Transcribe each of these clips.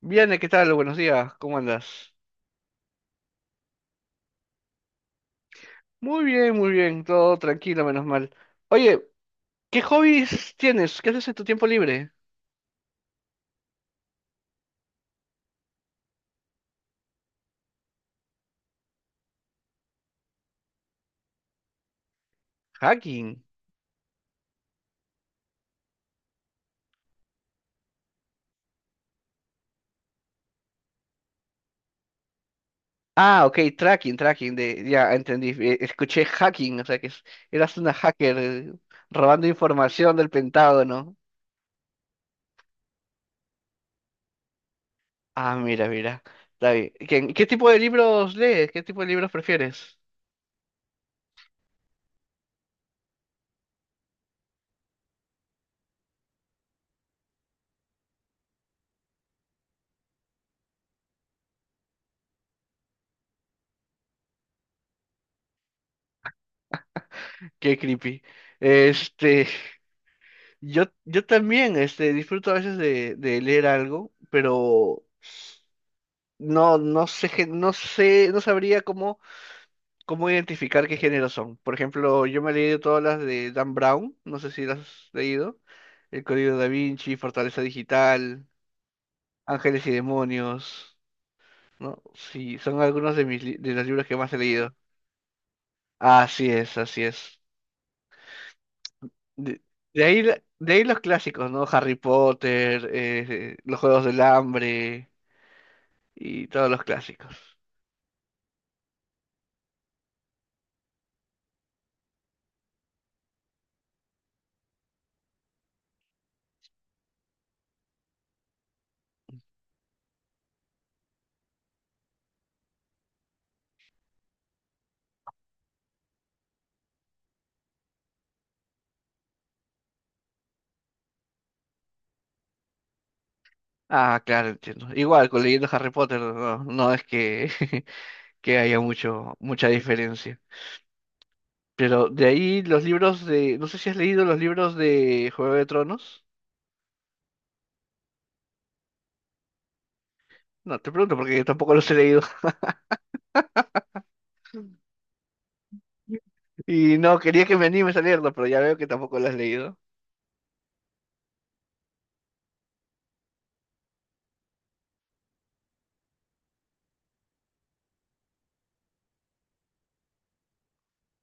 Viane, ¿qué tal? Buenos días, ¿cómo andas? Muy bien, todo tranquilo, menos mal. Oye, ¿qué hobbies tienes? ¿Qué haces en tu tiempo libre? Hacking. Ah, ok, tracking, tracking, de, ya entendí, escuché hacking, o sea eras una hacker robando información del Pentágono. Ah, mira, mira, está bien. ¿Qué tipo de libros lees? ¿Qué tipo de libros prefieres? Qué creepy. Este, yo también, este, disfruto a veces de leer algo, pero no, no sé, no sé, no sabría cómo, cómo identificar qué género son. Por ejemplo, yo me he leído todas las de Dan Brown, no sé si las has leído. El Código Da Vinci, Fortaleza Digital, Ángeles y Demonios, ¿no? Sí, son algunos de de los libros que más he leído. Así es, así es. De, de ahí, de ahí los clásicos, ¿no? Harry Potter, los Juegos del Hambre y todos los clásicos. Ah, claro, entiendo. Igual, con leyendo Harry Potter, no, no es que, que haya mucho, mucha diferencia. Pero de ahí los libros de... No sé si has leído los libros de Juego de Tronos. No, te pregunto porque yo tampoco los he leído. Y no, quería que me animes a leerlo, pero ya veo que tampoco lo has leído.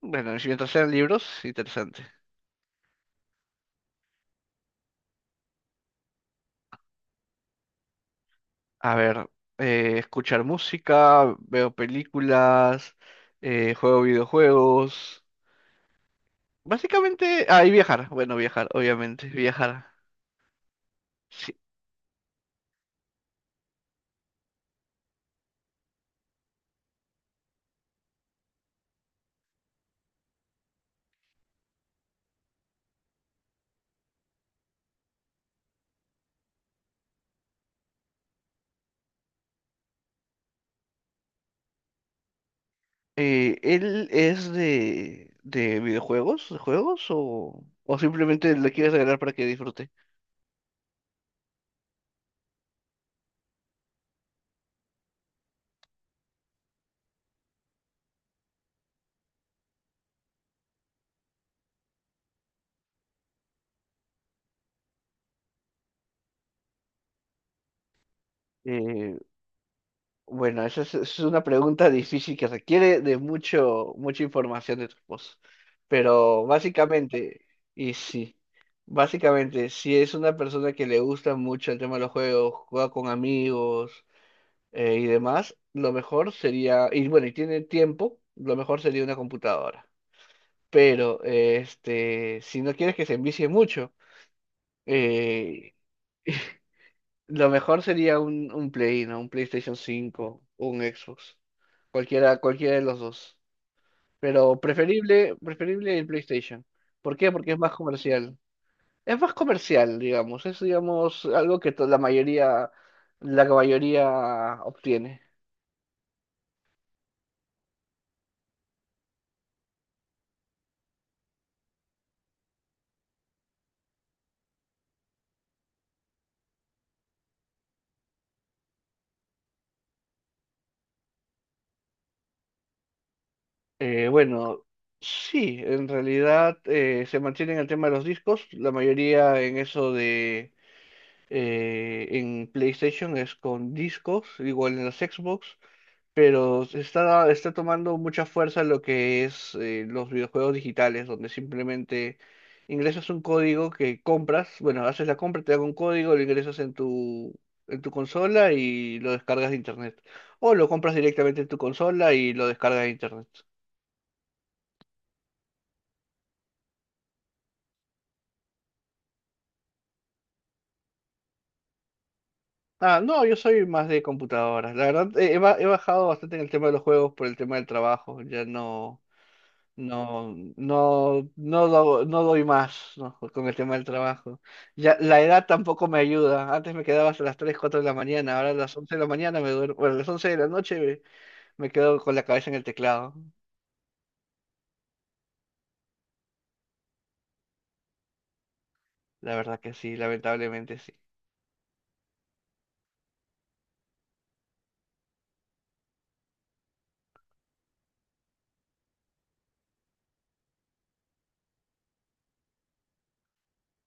Bueno, si mientras sean libros, interesante. A ver, escuchar música, veo películas, juego videojuegos. Básicamente, ah, y viajar. Bueno, viajar, obviamente, viajar. Sí. ¿Él es de videojuegos, de juegos o simplemente le quieres regalar para que disfrute? Eh, bueno, esa es una pregunta difícil que requiere de mucho, mucha información de tu esposo. Pero básicamente, y sí, básicamente, si es una persona que le gusta mucho el tema de los juegos, juega con amigos y demás, lo mejor sería, y bueno, y tiene tiempo, lo mejor sería una computadora. Pero este, si no quieres que se envicie mucho, eh, lo mejor sería un Play, ¿no? Un PlayStation 5 o un Xbox. Cualquiera, cualquiera de los dos. Pero preferible, preferible el PlayStation. ¿Por qué? Porque es más comercial. Es más comercial, digamos. Es, digamos, algo la mayoría obtiene. Bueno, sí, en realidad se mantiene el tema de los discos. La mayoría en eso en PlayStation es con discos, igual en las Xbox, pero se está, está tomando mucha fuerza lo que es los videojuegos digitales, donde simplemente ingresas un código que compras, bueno, haces la compra, te dan un código, lo ingresas en en tu consola y lo descargas de internet. O lo compras directamente en tu consola y lo descargas de internet. Ah, no, yo soy más de computadoras. La verdad, he bajado bastante en el tema de los juegos por el tema del trabajo. Ya no, no, no, no, no doy más, ¿no? Con el tema del trabajo. Ya, la edad tampoco me ayuda. Antes me quedaba hasta las 3 4 de la mañana, ahora a las 11 de la mañana me duermo, bueno, a las 11 de la noche me quedo con la cabeza en el teclado. La verdad que sí, lamentablemente sí.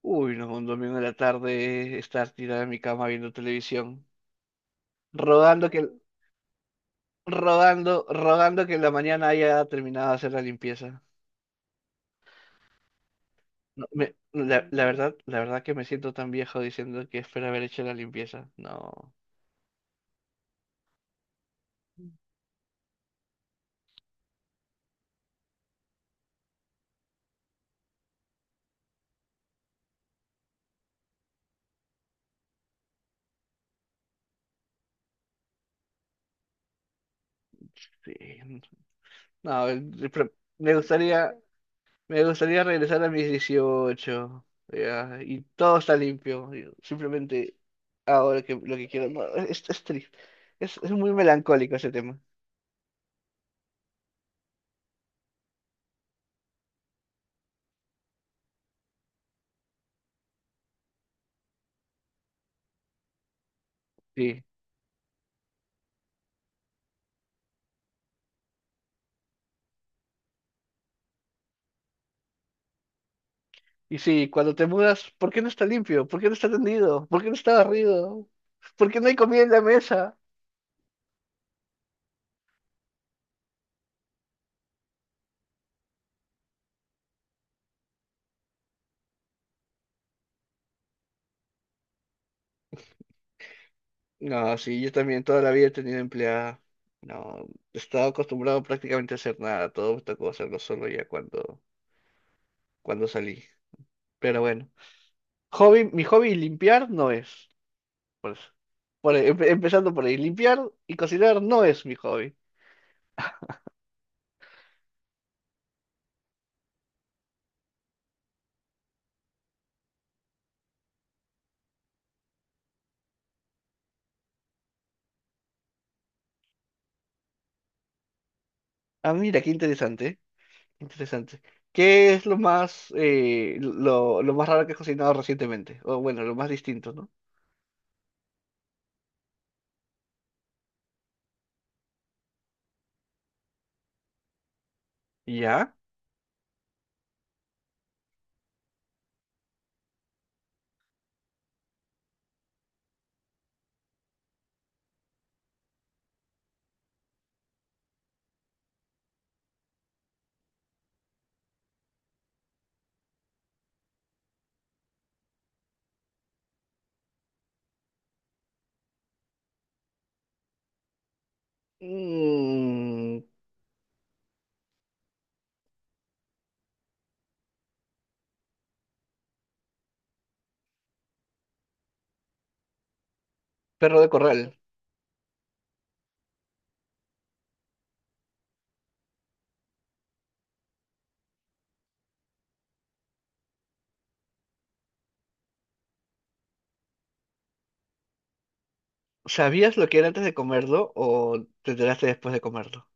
Uy, no, un domingo en la tarde estar tirada en mi cama viendo televisión, rodando que, rodando, rodando que en la mañana haya terminado de hacer la limpieza. No, la verdad que me siento tan viejo diciendo que espero haber hecho la limpieza. No, sí, no, me gustaría, me gustaría regresar a mis 18 ya, y todo está limpio. Y simplemente ahora que lo que quiero, no, es triste, es muy melancólico ese tema. Sí, y sí, cuando te mudas, ¿por qué no está limpio? ¿Por qué no está tendido? ¿Por qué no está barrido? ¿Por qué no hay comida en la mesa? No, sí, yo también toda la vida he tenido empleada. No, estaba acostumbrado prácticamente a hacer nada, todo me tocó hacerlo solo ya cuando salí. Pero bueno, hobby, mi hobby limpiar no es. Por eso. Por ahí, empezando por ahí, limpiar y cocinar no es mi hobby. Ah, mira, qué interesante, ¿eh? Qué interesante. ¿Qué es lo más, lo más raro que has cocinado recientemente? O bueno, lo más distinto, ¿no? ¿Ya? Mm, perro de corral. ¿Sabías lo que era antes de comerlo o te enteraste después de comerlo?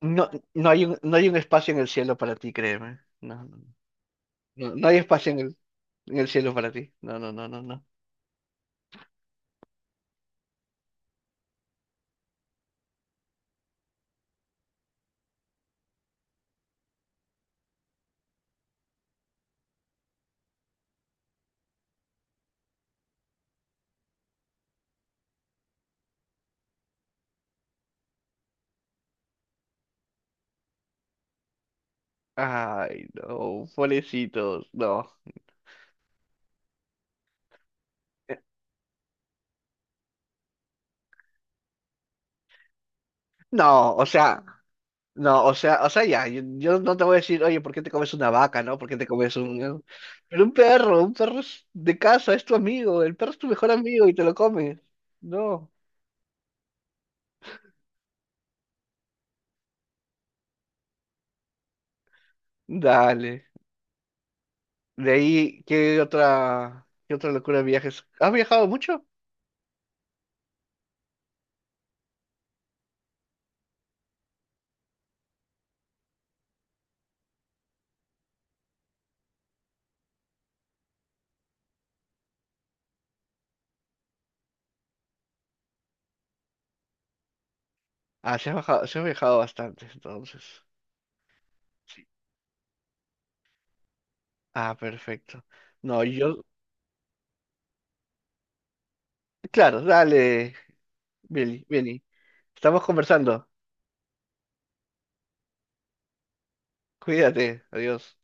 No, no hay un, no hay un espacio en el cielo para ti, créeme. No, no, no, no hay espacio en en el cielo para ti. No, no, no, no, no. Ay, no, pobrecitos, no. Eh, no, o sea, no, o sea, ya, yo no te voy a decir, oye, ¿por qué te comes una vaca, no? ¿Por qué te comes un...?". Pero un perro es de casa, es tu amigo, el perro es tu mejor amigo y te lo comes. No, dale. De ahí, qué otra locura de viajes? ¿Has viajado mucho? Ah, se ha viajado bastante, entonces. Sí. Ah, perfecto. No, yo, claro, dale, Billy, Billy. Estamos conversando. Cuídate, adiós.